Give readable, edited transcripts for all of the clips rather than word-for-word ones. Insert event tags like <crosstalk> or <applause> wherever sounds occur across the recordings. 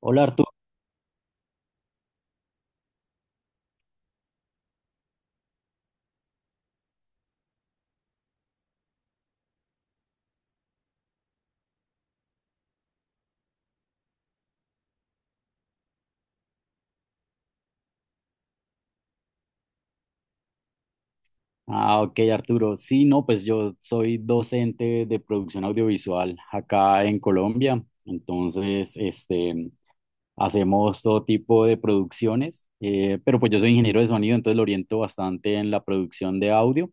Hola Arturo. Ok, Arturo. Sí, no, pues yo soy docente de producción audiovisual acá en Colombia. Entonces, hacemos todo tipo de producciones, pero pues yo soy ingeniero de sonido, entonces lo oriento bastante en la producción de audio.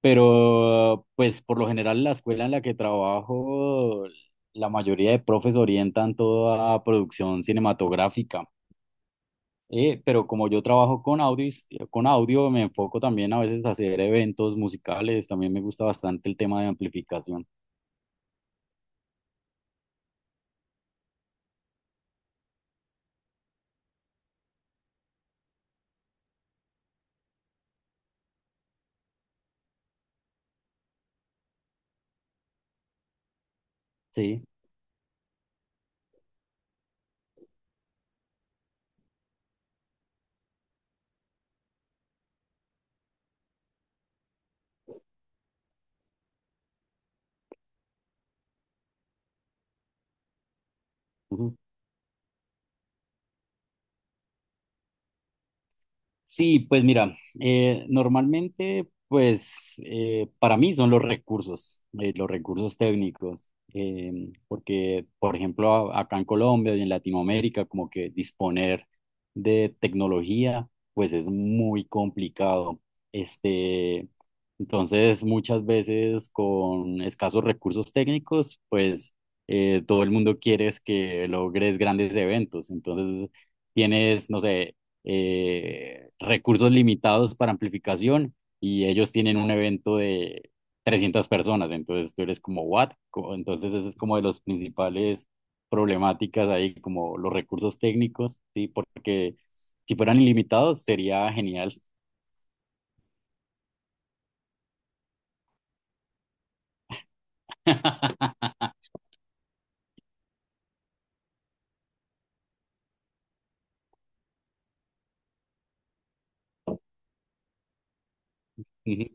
Pero, pues por lo general, la escuela en la que trabajo, la mayoría de profes orientan toda producción cinematográfica. Pero como yo trabajo con audios, con audio, me enfoco también a veces a hacer eventos musicales. También me gusta bastante el tema de amplificación. Sí. Ujú. Sí, pues mira, normalmente, pues para mí son los recursos técnicos, porque, por ejemplo, acá en Colombia y en Latinoamérica, como que disponer de tecnología, pues es muy complicado. Este, entonces, muchas veces con escasos recursos técnicos, pues todo el mundo quiere es que logres grandes eventos. Entonces, tienes, no sé, recursos limitados para amplificación y ellos tienen un evento de 300 personas, entonces tú eres como, ¿what? Entonces ese es como de los principales problemáticas ahí, como los recursos técnicos, ¿sí? Porque si fueran ilimitados sería genial. <laughs> Ujú.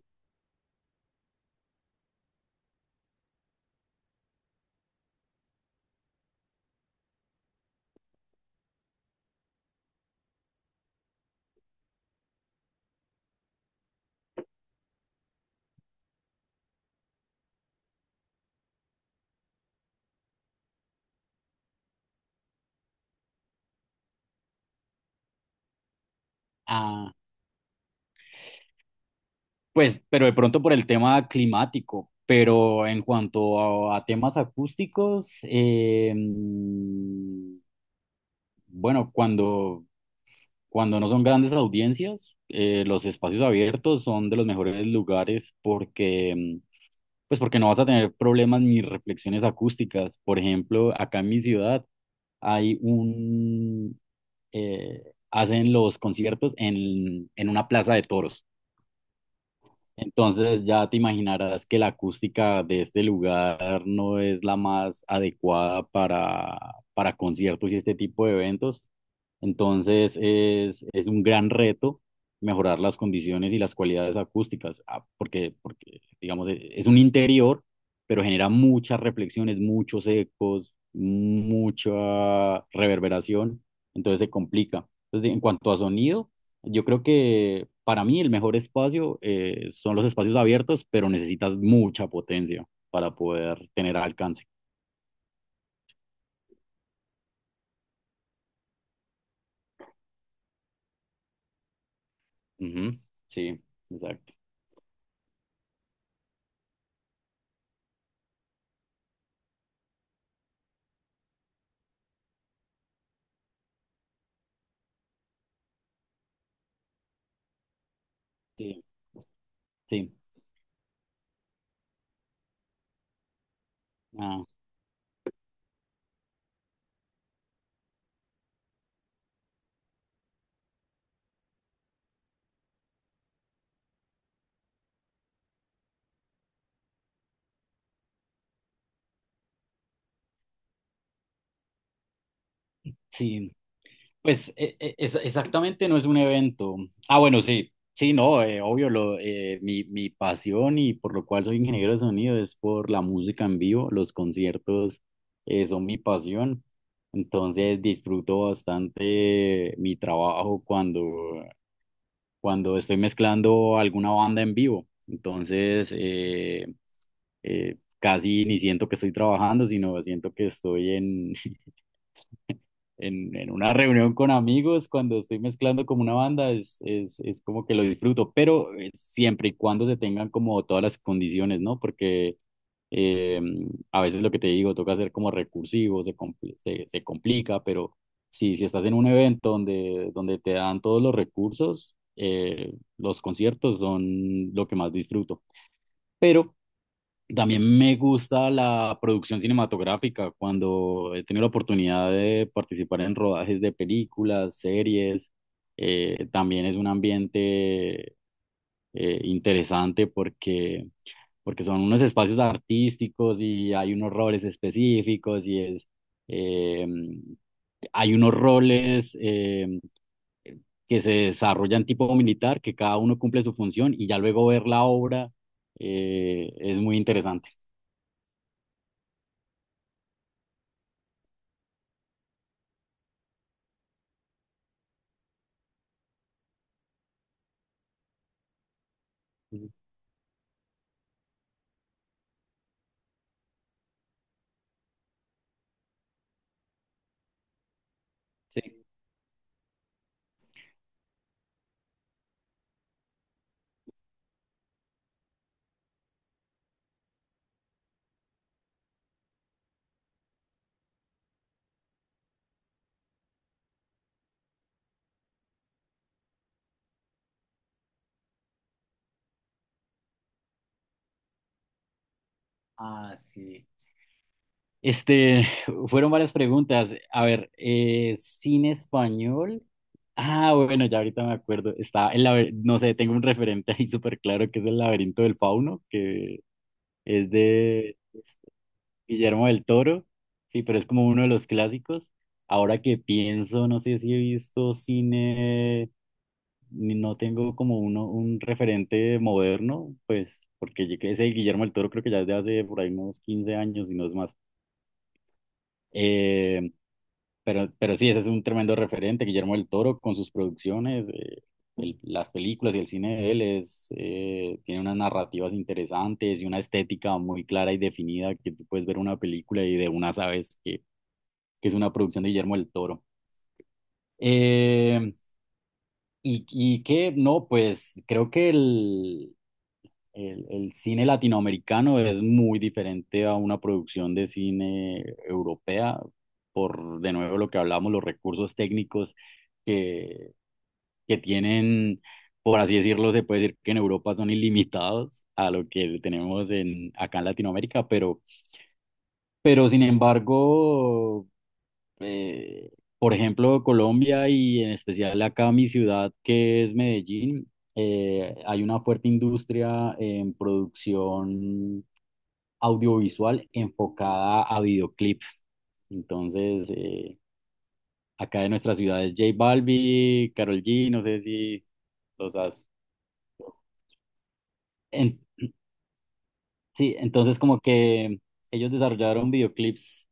Ah, pues, pero de pronto por el tema climático, pero en cuanto a temas acústicos, bueno, cuando no son grandes audiencias, los espacios abiertos son de los mejores lugares porque, pues porque no vas a tener problemas ni reflexiones acústicas. Por ejemplo, acá en mi ciudad hay un, eh, hacen los conciertos en una plaza de toros. Entonces ya te imaginarás que la acústica de este lugar no es la más adecuada para conciertos y este tipo de eventos. Entonces es un gran reto mejorar las condiciones y las cualidades acústicas, porque, porque digamos, es un interior, pero genera muchas reflexiones, muchos ecos, mucha reverberación, entonces se complica. Entonces, en cuanto a sonido. Yo creo que para mí el mejor espacio son los espacios abiertos, pero necesitas mucha potencia para poder tener alcance. Ujú. Sí, exacto. Sí, sí. Ah, sí. Pues exactamente no es un evento. Ah, bueno, sí. Sí, no, obvio, mi pasión y por lo cual soy ingeniero de sonido es por la música en vivo. Los conciertos son mi pasión. Entonces disfruto bastante mi trabajo cuando estoy mezclando alguna banda en vivo. Entonces, casi ni siento que estoy trabajando, sino siento que estoy en, <laughs> en una reunión con amigos, cuando estoy mezclando como una banda, es como que lo disfruto, pero siempre y cuando se tengan como todas las condiciones, ¿no? Porque eh, a veces lo que te digo, toca ser como recursivo, se, se complica, pero si, si estás en un evento donde, donde te dan todos los recursos, los conciertos son lo que más disfruto. Pero también me gusta la producción cinematográfica, cuando he tenido la oportunidad de participar en rodajes de películas, series, también es un ambiente interesante porque, porque son unos espacios artísticos y hay unos roles específicos y es, eh, hay unos roles que se desarrollan tipo militar, que cada uno cumple su función y ya luego ver la obra, es muy interesante. Ujú. Sí. Ah, sí. Este, <laughs> fueron varias preguntas. A ver, cine español. Ah, bueno, ya ahorita me acuerdo. Está el no sé, tengo un referente ahí súper claro que es El laberinto del fauno, que es de Guillermo del Toro. Sí, pero es como uno de los clásicos. Ahora que pienso, no sé si he visto cine. No tengo como uno, un referente moderno, pues porque yo que ese Guillermo del Toro creo que ya es de hace por ahí unos 15 años y no es más. Eh, pero sí, ese es un tremendo referente, Guillermo del Toro con sus producciones, las películas y el cine de él es, tiene unas narrativas interesantes y una estética muy clara y definida que tú puedes ver una película y de una sabes que es una producción de Guillermo del Toro. Eh, y, y que no, pues creo que el cine latinoamericano es muy diferente a una producción de cine europea, por de nuevo lo que hablamos, los recursos técnicos que, que tienen, por así decirlo, se puede decir que en Europa son ilimitados a lo que tenemos en, acá en Latinoamérica, pero sin embargo, eh, por ejemplo, Colombia y en especial acá mi ciudad, que es Medellín, hay una fuerte industria en producción audiovisual enfocada a videoclip. Entonces, acá de nuestras ciudades, J Balbi, Karol G, no sé si los has. en- sí, entonces como que ellos desarrollaron videoclips,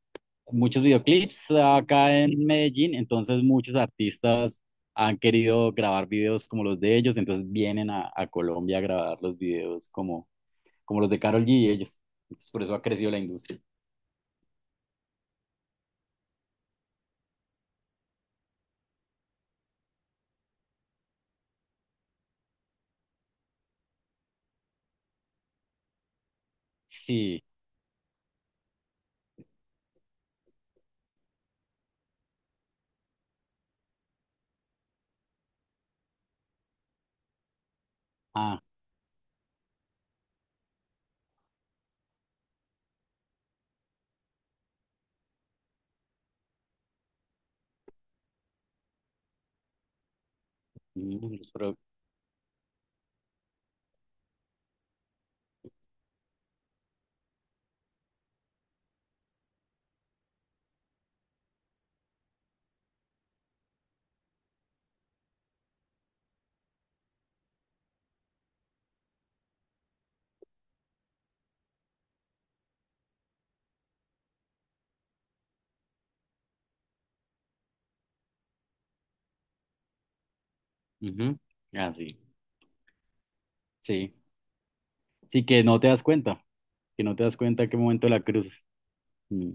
muchos videoclips acá en Medellín, entonces muchos artistas han querido grabar videos como los de ellos, entonces vienen a Colombia a grabar los videos como, como los de Karol G y ellos. Entonces, por eso ha crecido la industria. Sí. ah, mm, Ujú. Ah, sí, sí. Sí, que no te das cuenta, que no te das cuenta qué momento la cruzas. Mm.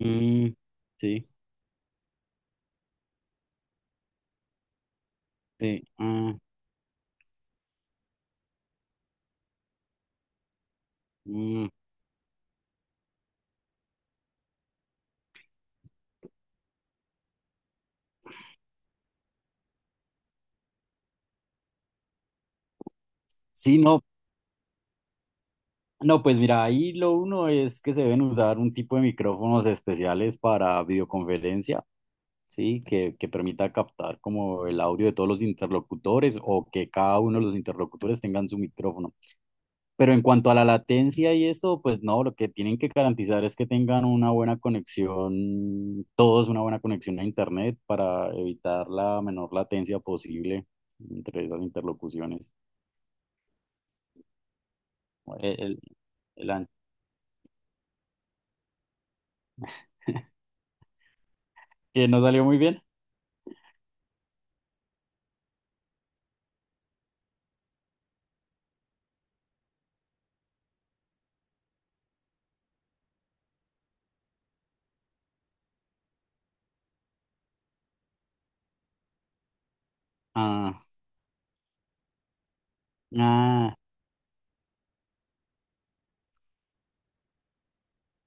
Mm, sí, sí. Mm. Sí, no, no, pues mira, ahí lo uno es que se deben usar un tipo de micrófonos especiales para videoconferencia, sí, que permita captar como el audio de todos los interlocutores o que cada uno de los interlocutores tengan su micrófono. Pero en cuanto a la latencia y eso, pues no, lo que tienen que garantizar es que tengan una buena conexión, todos una buena conexión a Internet para evitar la menor latencia posible entre esas interlocuciones. El, el- el an- <laughs> que no salió muy bien. Ah, ah,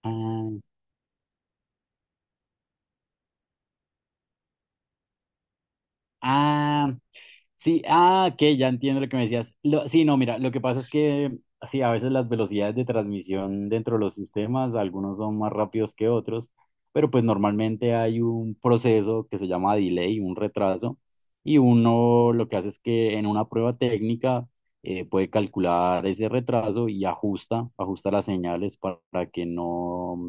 ah. Ah, sí, que ya entiendo lo que me decías. Sí, no, mira, lo que pasa es que sí, a veces las velocidades de transmisión dentro de los sistemas, algunos son más rápidos que otros, pero pues normalmente hay un proceso que se llama delay, un retraso, y uno lo que hace es que en una prueba técnica puede calcular ese retraso y ajusta, ajusta las señales para, que no,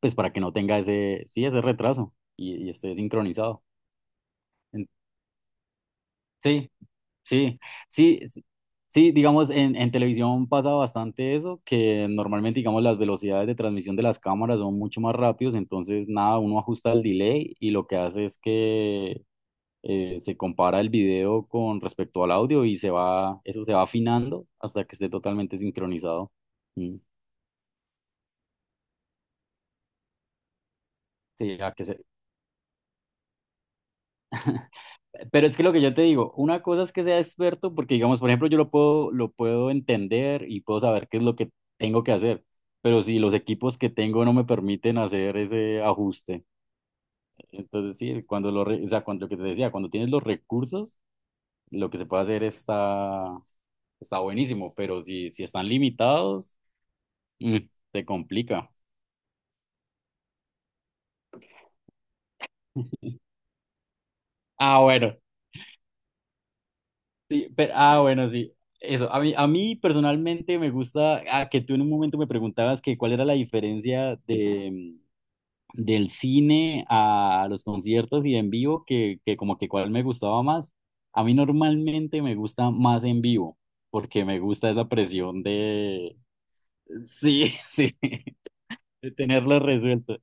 pues para que no tenga ese, sí, ese retraso y esté sincronizado. En- Sí. Sí, sí, sí, sí, digamos, en televisión pasa bastante eso, que normalmente, digamos, las velocidades de transmisión de las cámaras son mucho más rápidos, entonces, nada, uno ajusta el delay y lo que hace es que se compara el video con respecto al audio y se va, eso se va afinando hasta que esté totalmente sincronizado. Mm. Sí, a que se. Pero es que lo que yo te digo, una cosa es que sea experto, porque digamos, por ejemplo, yo lo puedo entender y puedo saber qué es lo que tengo que hacer, pero si los equipos que tengo no me permiten hacer ese ajuste, entonces sí, cuando o sea, cuando lo que te decía, cuando tienes los recursos, lo que se puede hacer está, está buenísimo, pero si, si están limitados, mm, se complica. <laughs> Ah, bueno. Sí, pero, ah, bueno, sí. Eso, a mí personalmente me gusta, que tú en un momento me preguntabas que cuál era la diferencia de, del cine a los conciertos y en vivo, que como que cuál me gustaba más. A mí normalmente me gusta más en vivo, porque me gusta esa presión de, sí, <laughs> sí, de tenerlo resuelto.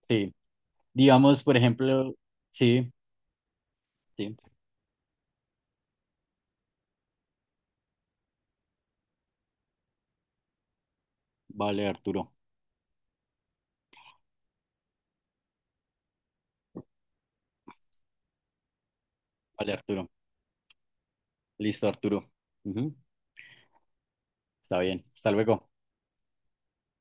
Sí, digamos, por ejemplo, sí, sí, vale, Arturo, vale, Arturo. Listo, Arturo. Ujú. Está bien, hasta luego.